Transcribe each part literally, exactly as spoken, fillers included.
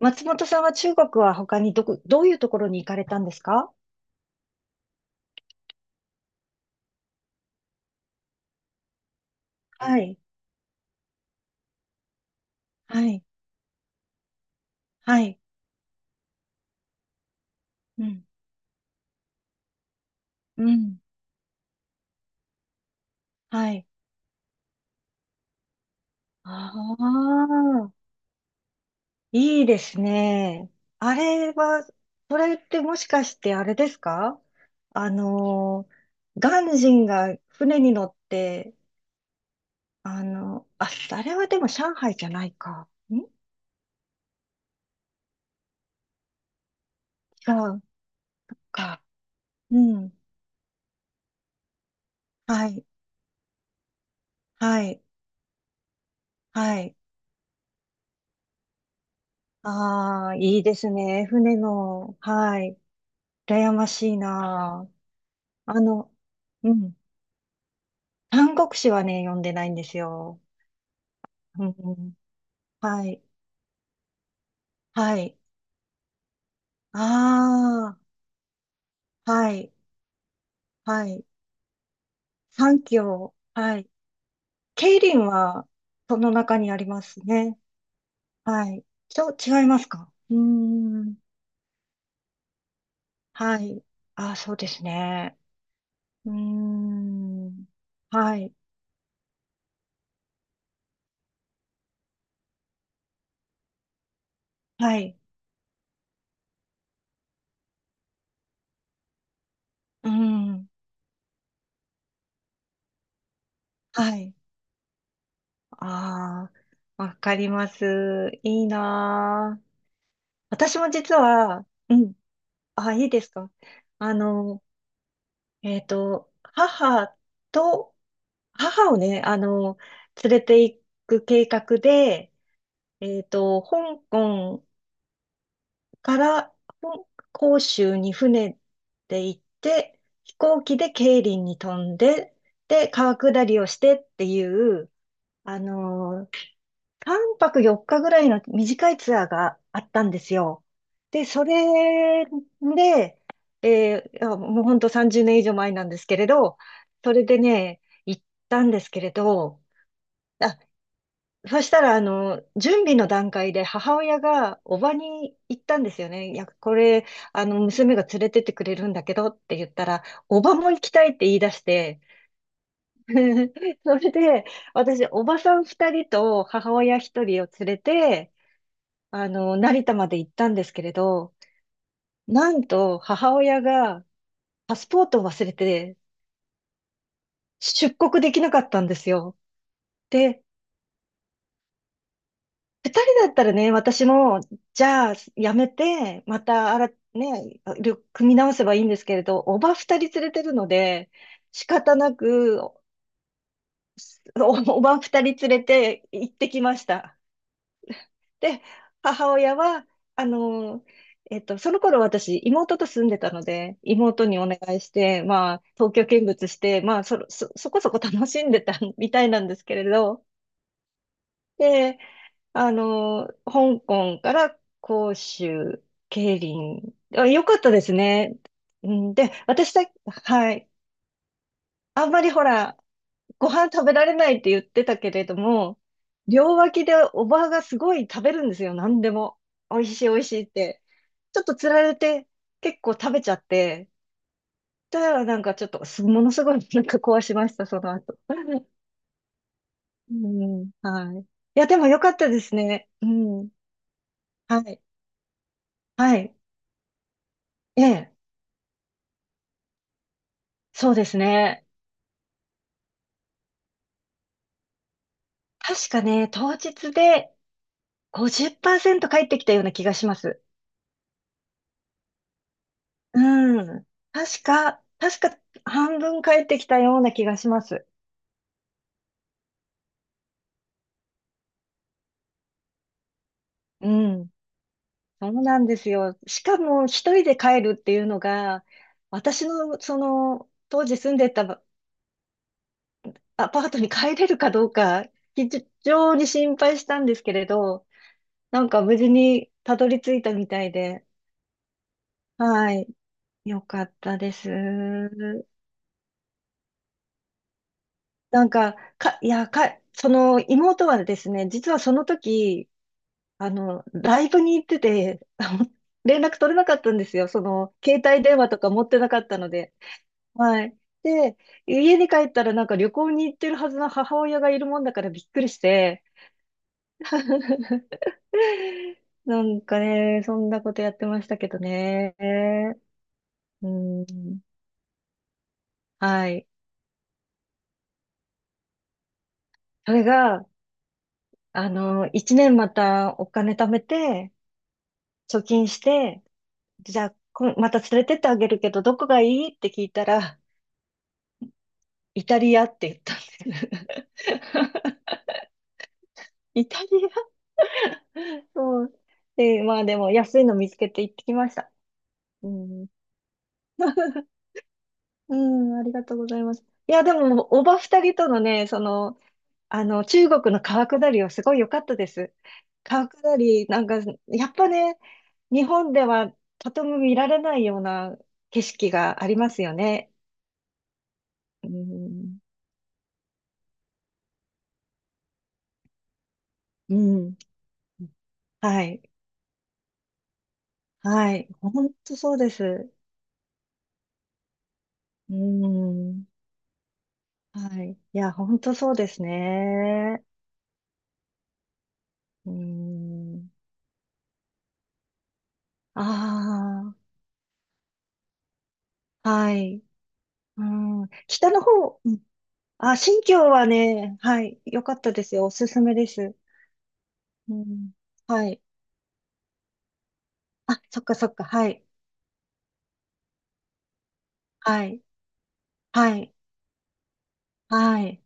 松本さんは中国は他にどこ、どういうところに行かれたんですか？はい。はい、はい、うん、うん、はい。ああ、いいですね。あれは、それってもしかしてあれですか？あのー、鑑真が船に乗って、あの、あ、あれはでも上海じゃないか。ん違うか。うん。はい、はい、はい。ああ、いいですね。船の、はい。羨ましいなあ。あの、うん。三国志はね、読んでないんですよ。うんうん。はい。はい。ああ、はい。はい。三教。はい。桂林は、その中にありますね。はい。ちょ、違いますか？うーん。はい。ああ、そうですね。うーん。はい。はい。うーん。はい。ああ、わかります。いいなあ。私も実は、うん。あ、いいですか？あの、えっと、母と、母をね、あの、連れて行く計画で、えっと、香港から、香広州に船で行って、飛行機で桂林に飛んで、で、川下りをしてっていう、あの、さんぱくよっかぐらいの短いツアーがあったんですよ。で、それで、えーいやもうほんとさんじゅうねん以上前なんですけれど、それでね、行ったんですけれど、あ、そしたら、あの、準備の段階で母親がおばに行ったんですよね。いや、これ、あの、娘が連れてってくれるんだけどって言ったら、おばも行きたいって言い出して、それで、私、おばさんふたりと母親ひとりを連れて、あの、成田まで行ったんですけれど、なんと母親がパスポートを忘れて出国できなかったんですよ。で、二人だったらね、私も、じゃあ、やめて、また、あら、ね、旅組み直せばいいんですけれど、おば二人連れてるので、仕方なく、お、おば二人連れて行ってきました。で、母親は、あの、えっと、その頃私、妹と住んでたので、妹にお願いして、まあ、東京見物して、まあ、そ、そ、そこそこ楽しんでた みたいなんですけれど、で、あの、香港から広州、桂林、あ、よかったですね。うんで、私だ、はい。あんまりほら、ご飯食べられないって言ってたけれども、両脇でおばあがすごい食べるんですよ、何でも。美味しい美味しいって。ちょっとつられて結構食べちゃって、だからなんかちょっとすものすごいなんか壊しました、その後。うん、はい。いや、でも良かったですね。うん。はい。はい。ええ、そうですね。確かね、当日でごじゅっパーセント返ってきたような気がします。うん。確か、確か半分帰ってきたような気がします。うん。そうなんですよ。しかも一人で帰るっていうのが、私のその当時住んでたばアパートに帰れるかどうか、非常に心配したんですけれど、なんか無事にたどり着いたみたいで、はい。よかったです。なんか、か、いや、か、その妹はですね、実はその時、あの、ライブに行ってて、あの連絡取れなかったんですよ。その、携帯電話とか持ってなかったので。はい。で、家に帰ったらなんか旅行に行ってるはずの母親がいるもんだからびっくりして。なんかね、そんなことやってましたけどね。うん。はい。それが、あの、いちねんまたお金貯めて、貯金して、じゃあ、こまた連れてってあげるけど、どこがいいって聞いたら、イタリアって言ったんです。イタリア そう。で、まあでも安いの見つけて行ってきました。うん。うん、ありがとうございます。いや、でも、おば二人とのね、その、あの、中国の川下りはすごい良かったです。川下り、なんか、やっぱね、日本ではとても見られないような景色がありますよね。うん。うん。はい。はい。本当そうです。うん。はい。いや、本当そうですね。うーん。ああ、はい。うん。北の方、うん。あ、新疆はね、はい。良かったですよ。おすすめです。うん。はい。あ、そっかそっか。はい。はい。はい。はい。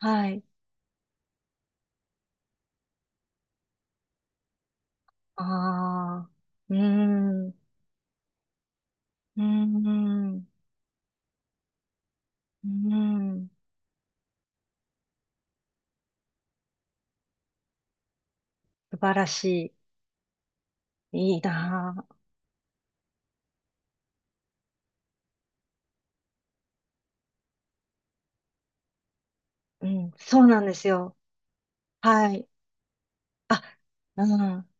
はい。ああ、うーん。うーん。うーん。素晴らしい。いいなあ。うん。そうなんですよ。はい。あ、うん。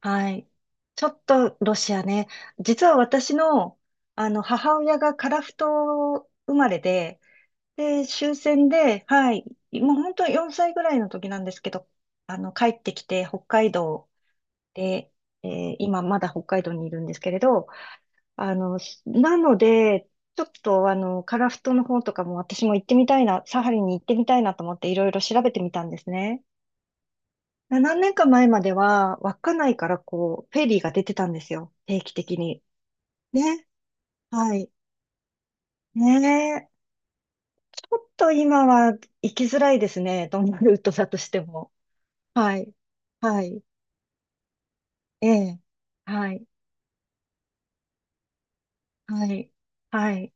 はい。ちょっとロシアね。実は私の、あの母親が樺太生まれで、で、終戦で、はい。もう本当よんさいぐらいの時なんですけど、あの、帰ってきて北海道で、えー今まだ北海道にいるんですけれど、あの、なので、ちょっとあの、樺太の方とかも私も行ってみたいな、サハリンに行ってみたいなと思っていろいろ調べてみたんですね。何年か前までは、稚内からこう、フェリーが出てたんですよ。定期的に。ね。はい。ねえ。ちょっと今は行きづらいですね。どんなルートだとしても。はい。はい。ええ。はい。はい。はい。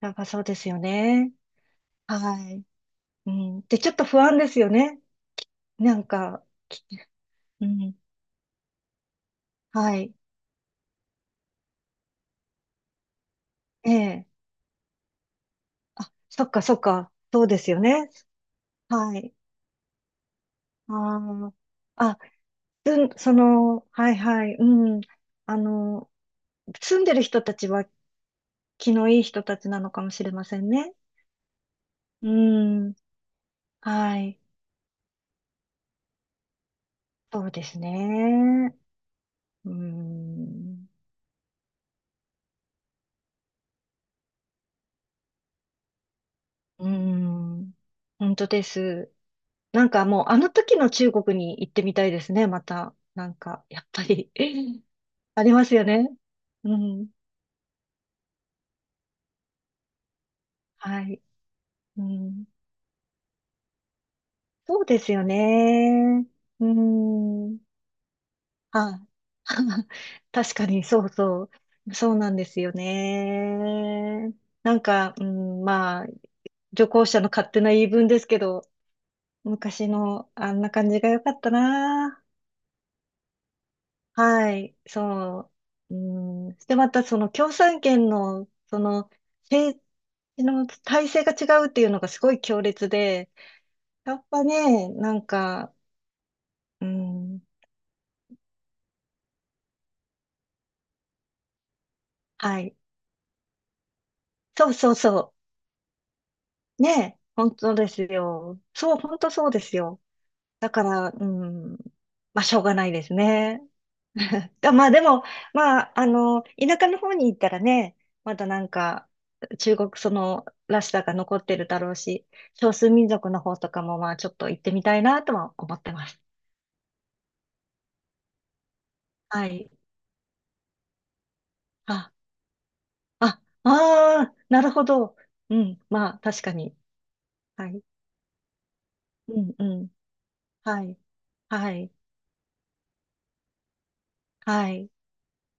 なんかそうですよね。はい。うん。で、ちょっと不安ですよね。なんか、きうん。はい。ええ。あ、そっかそっか。そうですよね。はい。あーつん、その、はいはい、うん。あの、住んでる人たちは気のいい人たちなのかもしれませんね。うん。はい。そうですね。うん。うん。本当です。なんかもう、あの時の中国に行ってみたいですね、また。なんか、やっぱり ありますよね。うん。はい。うん。そうですよね。うん。はい。確かに、そうそう。そうなんですよね。なんか、うん、まあ、旅行者の勝手な言い分ですけど、昔のあんな感じが良かったな。はい、そう。うん、で、また、その共産圏の、その、政治の体制が違うっていうのがすごい強烈で、やっぱね、なんか、うん、はい。そうそうそう。ねえ、本当ですよ。そう、本当そうですよ。だから、うん、まあ、しょうがないですね。だまあ、でも、まあ、あの、田舎の方に行ったらね、まだなんか、中国そのらしさが残ってるだろうし、少数民族の方とかも、まあ、ちょっと行ってみたいなとは思ってます。はい。あ、あ、ああ、なるほど。うん、まあ、確かに。はい。うん、うん。はい。はい。はい。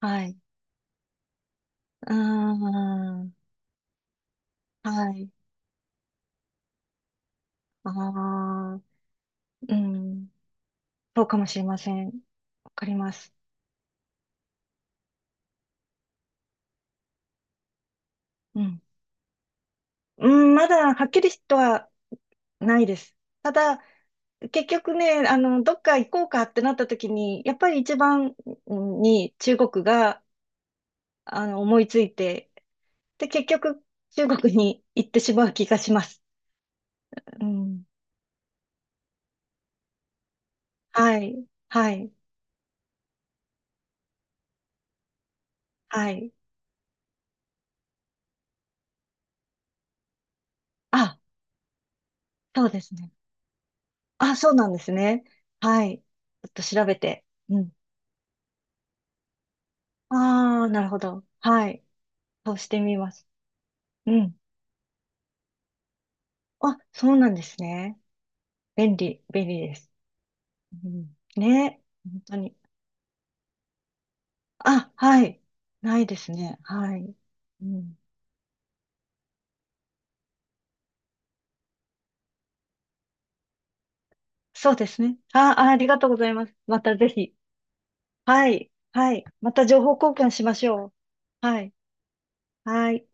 はい。うーん。はい。ああ、うん。そうかもしれません。わかります。うん。うん、まだはっきりとはないです。ただ、結局ね、あの、どっか行こうかってなった時に、やっぱり一番に中国が、あの、思いついて、で、結局中国に行ってしまう気がします。うん。はい。はい。はい。あ、そうですね。あ、そうなんですね。はい。ちょっと調べて。うん。ああ、なるほど。はい。そうしてみます。うん。あ、そうなんですね。便利、便利です。うん、ね。本当に。あ、はい。ないですね。はい。うん、そうですね。あ、あありがとうございます。またぜひ。はい。はい。また情報交換しましょう。はい。はい。